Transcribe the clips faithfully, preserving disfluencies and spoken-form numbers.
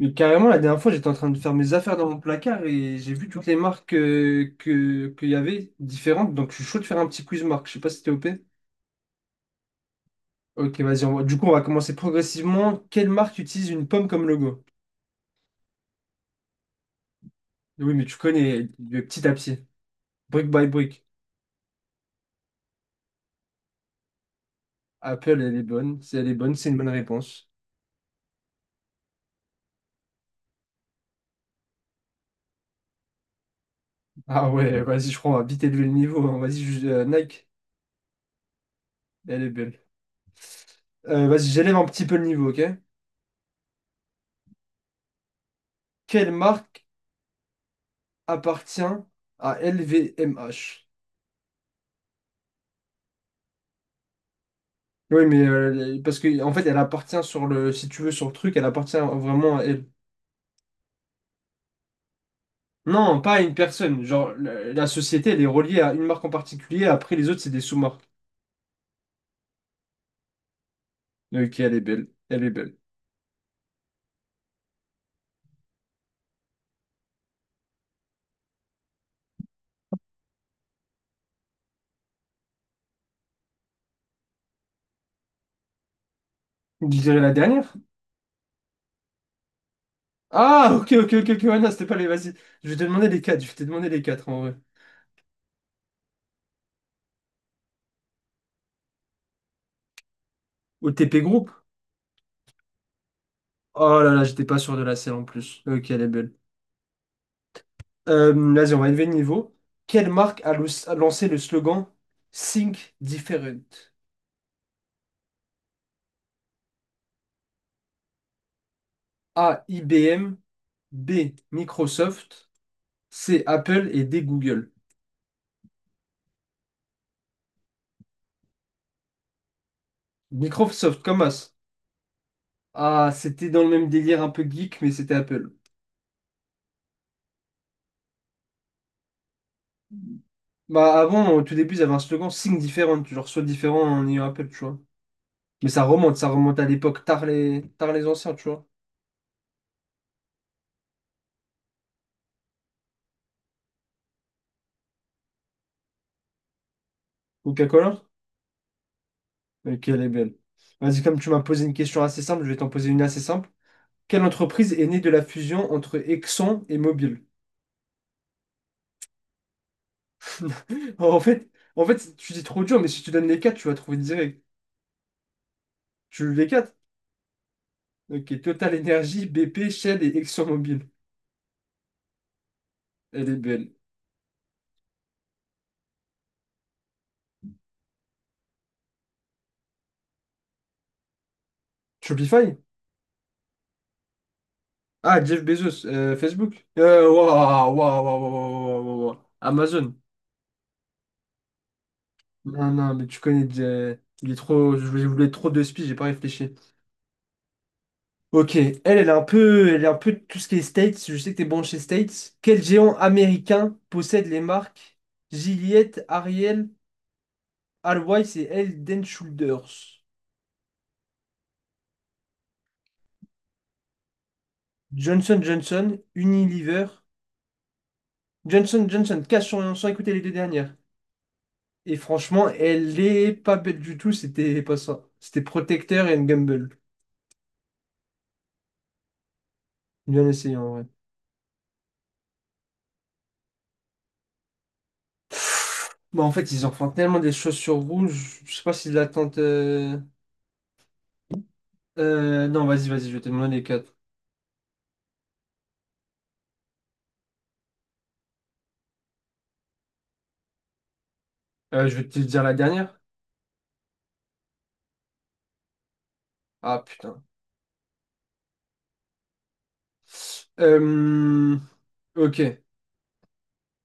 Mais carrément, la dernière fois, j'étais en train de faire mes affaires dans mon placard et j'ai vu toutes les marques euh, que, qu'il y avait différentes. Donc, je suis chaud de faire un petit quiz marque. Je sais pas si t'es O P. Ok, vas-y. on va- Du coup, on va commencer progressivement. Quelle marque utilise une pomme comme logo? Oui, mais tu connais de petit à petit. Brick by brick. Apple, elle est bonne. Si elle est bonne, c'est une bonne réponse. Ah ouais, vas-y, je crois, on va vite élever le niveau, hein. Vas-y, je- euh, Nike, elle est belle. Euh, vas-y, j'élève un petit peu le niveau, ok? Quelle marque appartient à L V M H? Oui, mais euh, parce que en fait, elle appartient sur le, si tu veux, sur le truc, elle appartient vraiment à elle. Non, pas à une personne. Genre, la, la société, elle est reliée à une marque en particulier. Après, les autres, c'est des sous-marques. Ok, elle est belle. Elle est belle. Je dirais la dernière. Ah, ok, ok, ok, ok, ouais, non, c'était pas les. Vas-y. Je vais te demander les quatre. Je vais te demander les quatre en vrai. Au T P Group. Oh là là, j'étais pas sûr de la selle en plus. Ok, elle est belle. Euh, vas-y, on va élever le niveau. Quelle marque a, lo- a lancé le slogan Think Different? A. I B M. B, Microsoft, C, Apple et D, Google. Microsoft, comme as. Ah, c'était dans le même délire un peu geek, mais c'était Apple. Bah avant, au tout début, ils avaient un slogan Think Different, genre sois différent en ayant Apple, tu vois. Mais ça remonte, ça remonte à l'époque, tard les, tard les anciens, tu vois. Coca-Cola? Ok, elle est belle. Vas-y, comme tu m'as posé une question assez simple, je vais t'en poser une assez simple. Quelle entreprise est née de la fusion entre Exxon et Mobil? En fait, en fait, tu dis trop dur, mais si tu donnes les quatre, tu vas trouver direct. Tu veux les quatre? Ok, Total Energy, B P, Shell et ExxonMobil. Elle est belle. Shopify? Ah, Jeff Bezos, euh, Facebook. Euh, waouh, waouh, waouh, waouh, waouh, waouh, waouh. Amazon. Non, non, mais tu connais, euh, il est trop, je voulais je voulais trop de spies, j'ai pas réfléchi. Ok, elle, elle est un peu, elle est un peu tout ce qui est States. Je sais que t'es bon chez States. Quel géant américain possède les marques Gillette, Ariel, Always et Head and Shoulders? Johnson Johnson, Unilever, Johnson Johnson, cash sur, sans écouter les deux dernières. Et franchement, elle est pas belle du tout, c'était pas ça. C'était Protecteur et Gumball. Bien essayé en vrai. Bon, en fait, ils en font tellement des choses sur rouge, je sais pas si l'attente. Euh... euh, non, vas-y, vas-y, je vais te demander les quatre. Euh, je vais te dire la dernière. Ah putain. Euh, ok.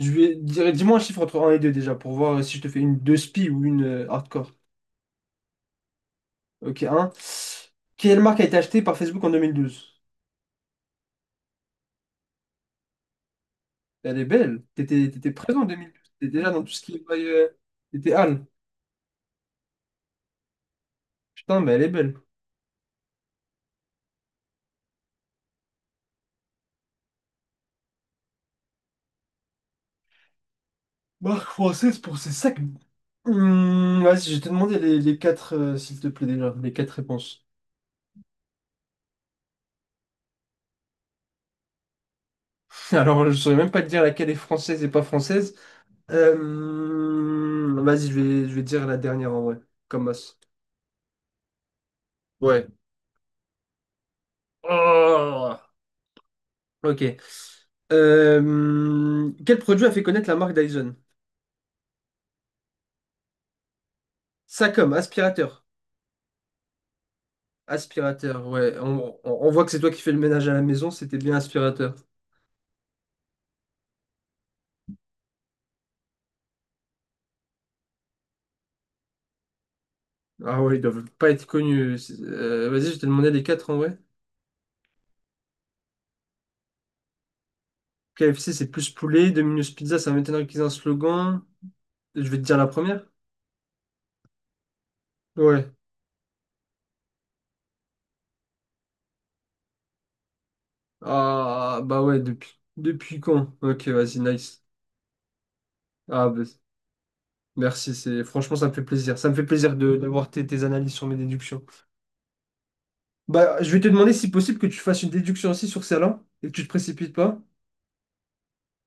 Je vais dire, dis-moi un chiffre entre un et deux déjà pour voir si je te fais une deux spi ou une euh, hardcore. Ok, un. Quelle marque a été achetée par Facebook en deux mille douze? Elle est belle. T'étais, t'étais présent en deux mille douze. T'étais là dans tout ce qui est bail, euh, t'étais Al. Putain, mais elle est belle. Marque française pour ses sacs. Hum, vas-y, je vais te demander les, les quatre, euh, s'il te plaît, déjà. Les quatre réponses. Alors, je saurais même pas te dire laquelle est française et pas française. Euh, vas-y, je vais, je vais te dire la dernière en vrai. Comme masse. Ouais. Oh, ok. Euh, quel produit a fait connaître la marque Dyson? Sacom, aspirateur. Aspirateur, ouais. On, on- on voit que c'est toi qui fais le ménage à la maison, c'était bien aspirateur. Ah ouais, ils doivent pas être connus. C'est- euh, vas-y, je t'ai demandé les quatre en vrai. K F C, c'est plus poulet. Domino's Pizza, ça m'étonnerait qu'ils aient un slogan. Je vais te dire la première. Ouais. Ah bah ouais, depuis, depuis quand? Ok, vas-y, nice. Ah bah, merci, c'est franchement ça me fait plaisir. Ça me fait plaisir de d'avoir tes, tes analyses sur mes déductions. Bah, je vais te demander si possible que tu fasses une déduction aussi sur celle-là et que tu te précipites pas.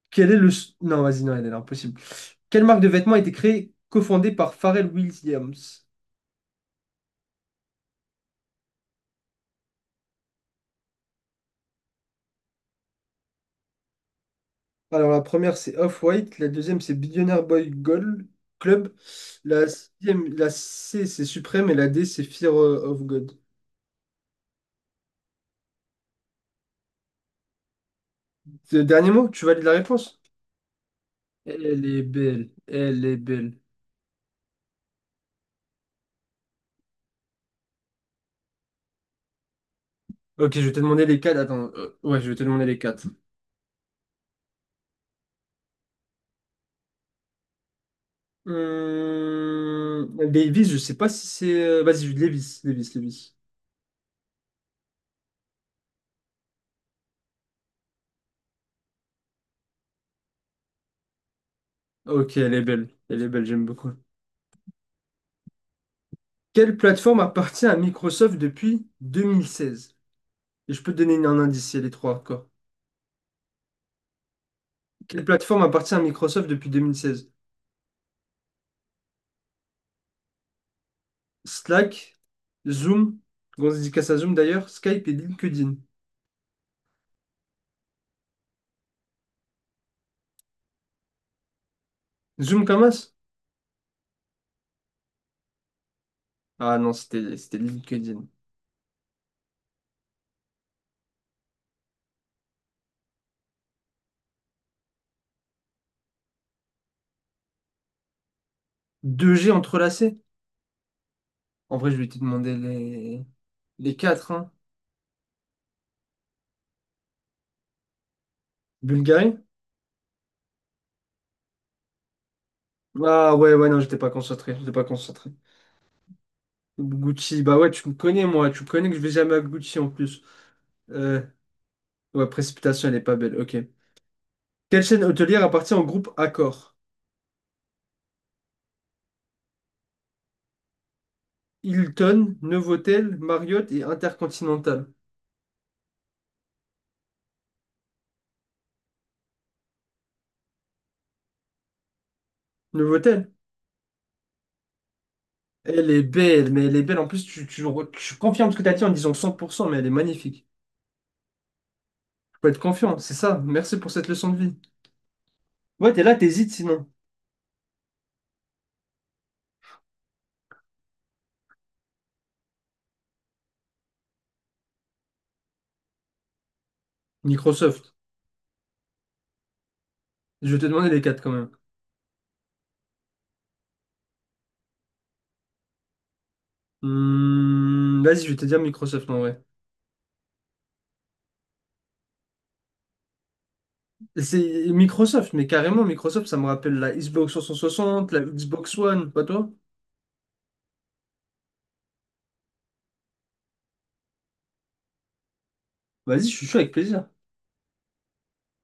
Quel est le... s- Non, vas-y, non, elle est impossible. Quelle marque de vêtements a été créée, cofondée par Pharrell Williams? Alors, la première, c'est Off-White. La deuxième, c'est Billionaire Boy Gold Club. La, sixième- la C, c'est Supreme. Et la D, c'est Fear of God. Le dernier mot, tu valides la réponse? Elle est belle. Elle est belle. Ok, je vais te demander les quatre. Attends. euh, ouais, je vais te demander les quatre. Hum, Levi's, je sais pas si c'est. Euh, Vas-y, Levi's. Levi's, Levi's. Ok, elle est belle. Elle est belle, j'aime beaucoup. Quelle plateforme appartient à Microsoft depuis deux mille seize? Et je peux te donner un indice, il y a les trois encore. Quelle plateforme appartient à Microsoft depuis deux mille seize? Slack, Zoom, grosse dédicace à Zoom d'ailleurs, Skype et LinkedIn. Zoom comme as? Ah non, c'était c'était LinkedIn. Deux g entrelacé? En vrai, je vais te demander les, les quatre, hein. Bulgarie? Ah ouais, ouais, non, j'étais pas concentré, j'étais pas concentré. Gucci, bah ouais, tu me connais, moi, tu me connais que je vais jamais à Gucci en plus. Euh, ouais, précipitation, elle est pas belle, ok. Quelle chaîne hôtelière appartient au groupe Accor? Hilton, Novotel, Marriott et Intercontinental. Novotel? Elle est belle, mais elle est belle. En plus, tu, tu, re- tu confirmes ce que tu as dit en disant cent pour cent, mais elle est magnifique. Faut être confiant, c'est ça. Merci pour cette leçon de vie. Ouais, t'es là, t'hésites sinon. Microsoft. Je vais te demander les quatre quand même. Hmm, vas-y, je vais te dire Microsoft en vrai. C'est Microsoft, mais carrément Microsoft, ça me rappelle la Xbox trois cent soixante, la Xbox One, pas toi? Vas-y, je suis chaud avec plaisir.